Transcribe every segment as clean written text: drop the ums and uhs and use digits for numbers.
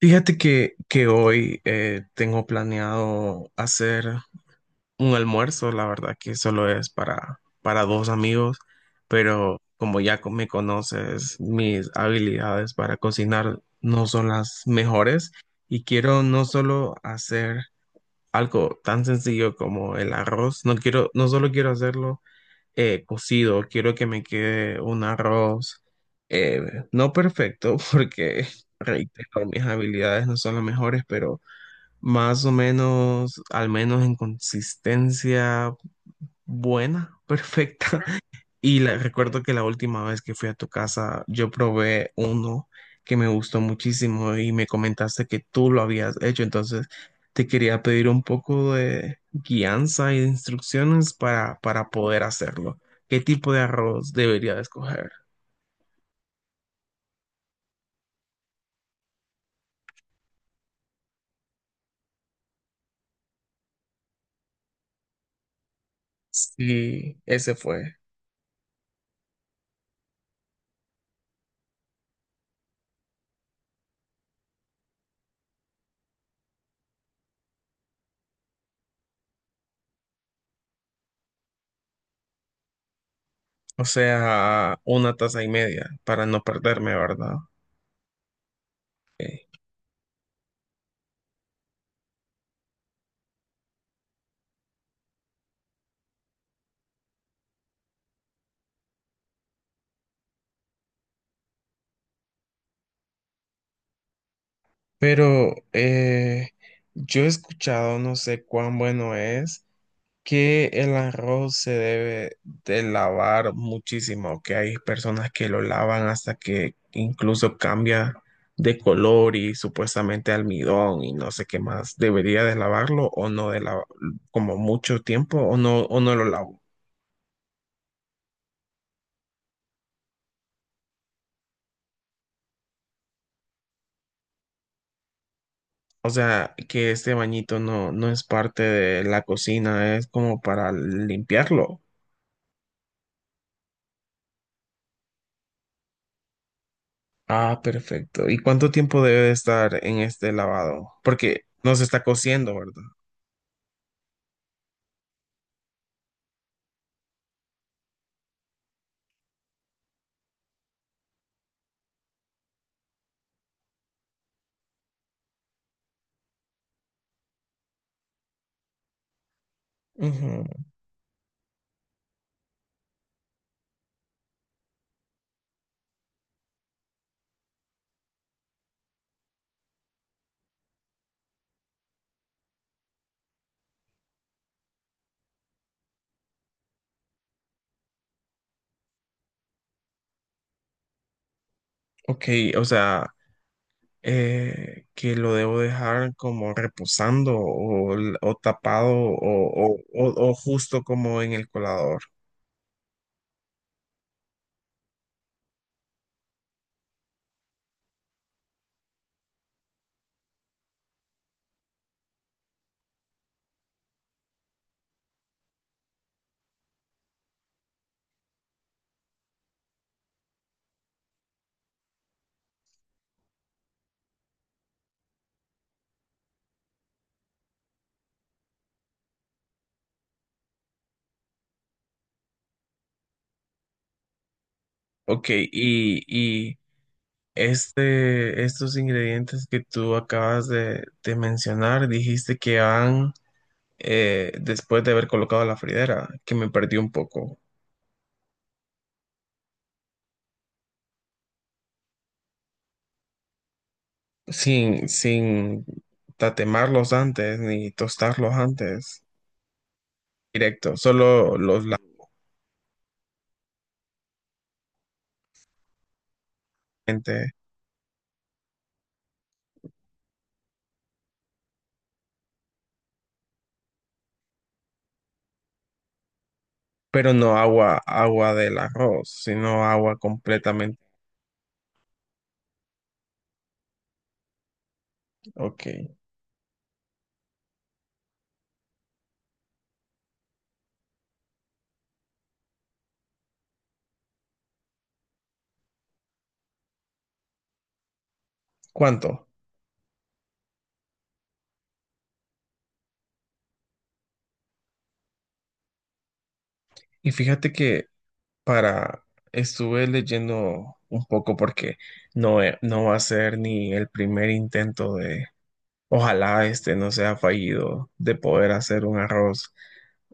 Fíjate que hoy tengo planeado hacer un almuerzo, la verdad que solo es para dos amigos, pero como ya me conoces, mis habilidades para cocinar no son las mejores y quiero no solo hacer algo tan sencillo como el arroz, no quiero, no solo quiero hacerlo cocido, quiero que me quede un arroz, eh, no perfecto, porque reitero, mis habilidades no son las mejores, pero más o menos, al menos en consistencia buena, perfecta. Y recuerdo que la última vez que fui a tu casa, yo probé uno que me gustó muchísimo y me comentaste que tú lo habías hecho. Entonces, te quería pedir un poco de guianza y de instrucciones para poder hacerlo. ¿Qué tipo de arroz debería de escoger? Sí, ese fue. O sea, una taza y media para no perderme, ¿verdad? Ok. Pero yo he escuchado, no sé cuán bueno es que el arroz se debe de lavar muchísimo, que hay personas que lo lavan hasta que incluso cambia de color y supuestamente almidón y no sé qué más. ¿Debería de lavarlo o no de lavar como mucho tiempo o no lo lavo? O sea, que este bañito no es parte de la cocina, es como para limpiarlo. Ah, perfecto. ¿Y cuánto tiempo debe de estar en este lavado? Porque no se está cociendo, ¿verdad? Ujú. Ok, o sea, que lo debo dejar como reposando o, o tapado o, o justo como en el colador. Ok, y este, estos ingredientes que tú acabas de mencionar, dijiste que van después de haber colocado la fridera, que me perdí un poco, sin tatemarlos antes ni tostarlos antes, directo, solo los lavo. Pero no agua, agua del arroz, sino agua completamente. Ok. ¿Cuánto? Y fíjate que para, estuve leyendo un poco porque no, no va a ser ni el primer intento de, ojalá este no sea fallido, de poder hacer un arroz.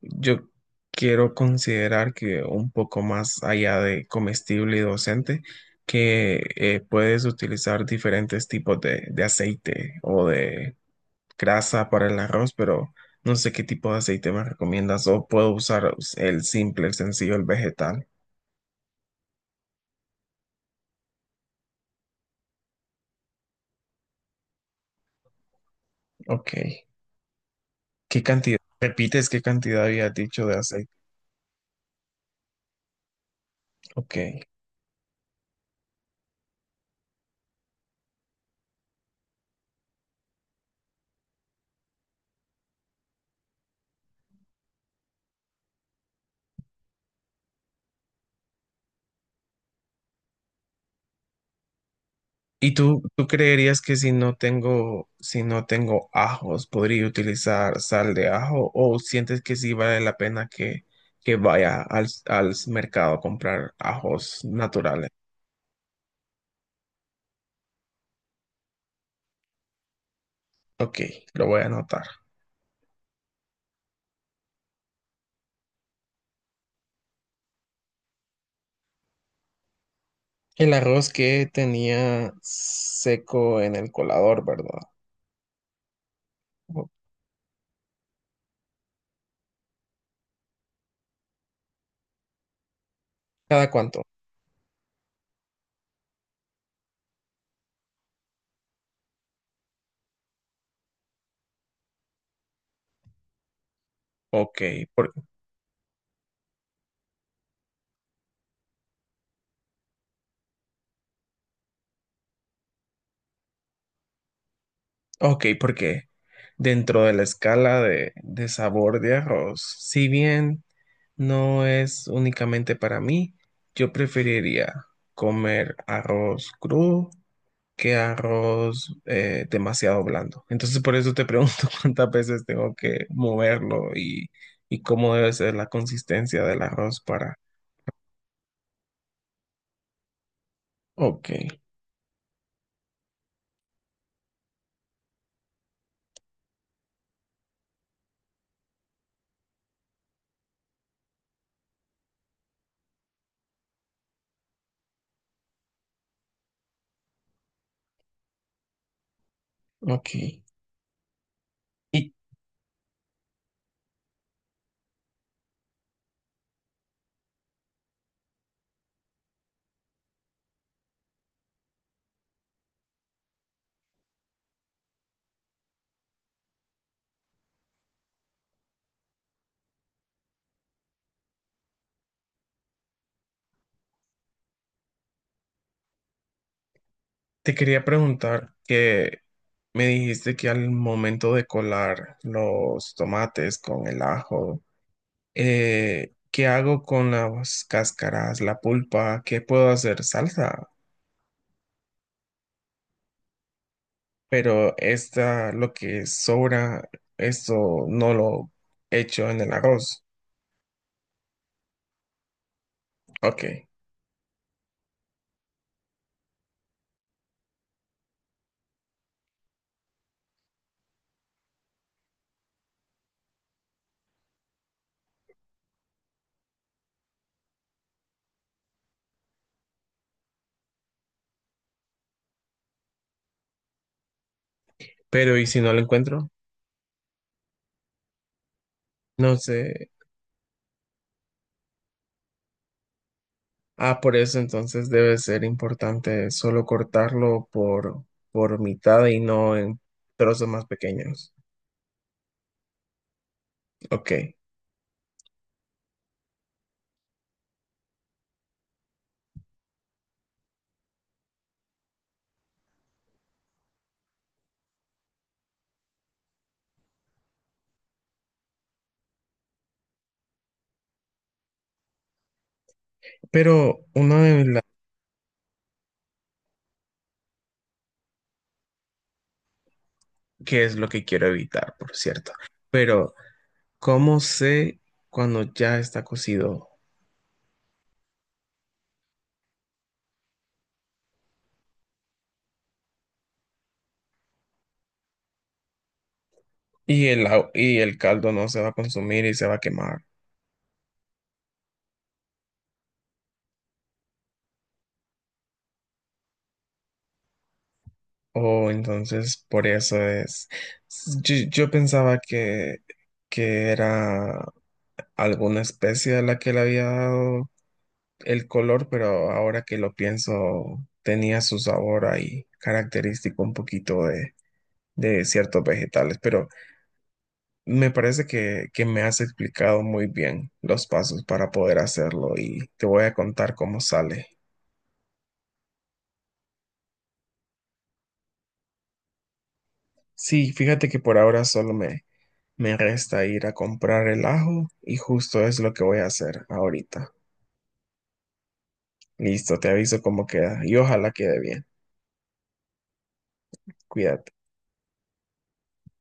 Yo quiero considerar que un poco más allá de comestible y docente, que puedes utilizar diferentes tipos de aceite o de grasa para el arroz, pero no sé qué tipo de aceite me recomiendas o puedo usar el simple, el sencillo, el vegetal. Ok. ¿Qué cantidad? ¿Repites qué cantidad había dicho de aceite? Ok. ¿Y tú creerías que si no tengo, si no tengo ajos, podría utilizar sal de ajo o sientes que sí vale la pena que vaya al, al mercado a comprar ajos naturales? Ok, lo voy a anotar. El arroz que tenía seco en el colador, ¿verdad? ¿O ¿Cada cuánto? Ok, por, ok, porque dentro de la escala de sabor de arroz, si bien no es únicamente para mí, yo preferiría comer arroz crudo que arroz demasiado blando. Entonces por eso te pregunto cuántas veces tengo que moverlo y cómo debe ser la consistencia del arroz para... Ok. Ok. Y te quería preguntar que me dijiste que al momento de colar los tomates con el ajo, ¿qué hago con las cáscaras, la pulpa? ¿Qué puedo hacer? Salsa. Pero esta, lo que sobra, esto no lo echo en el arroz. Ok. Pero ¿y si no lo encuentro? No sé. Ah, por eso entonces debe ser importante solo cortarlo por mitad y no en trozos más pequeños. Ok. Pero uno de la... ¿Qué es lo que quiero evitar, por cierto? Pero, ¿cómo sé cuando ya está cocido y el, y el caldo no se va a consumir y se va a quemar? Oh, entonces por eso es... Yo pensaba que era alguna especie a la que le había dado el color, pero ahora que lo pienso, tenía su sabor ahí característico un poquito de ciertos vegetales, pero me parece que me has explicado muy bien los pasos para poder hacerlo y te voy a contar cómo sale. Sí, fíjate que por ahora solo me, me resta ir a comprar el ajo y justo es lo que voy a hacer ahorita. Listo, te aviso cómo queda y ojalá quede bien. Cuídate.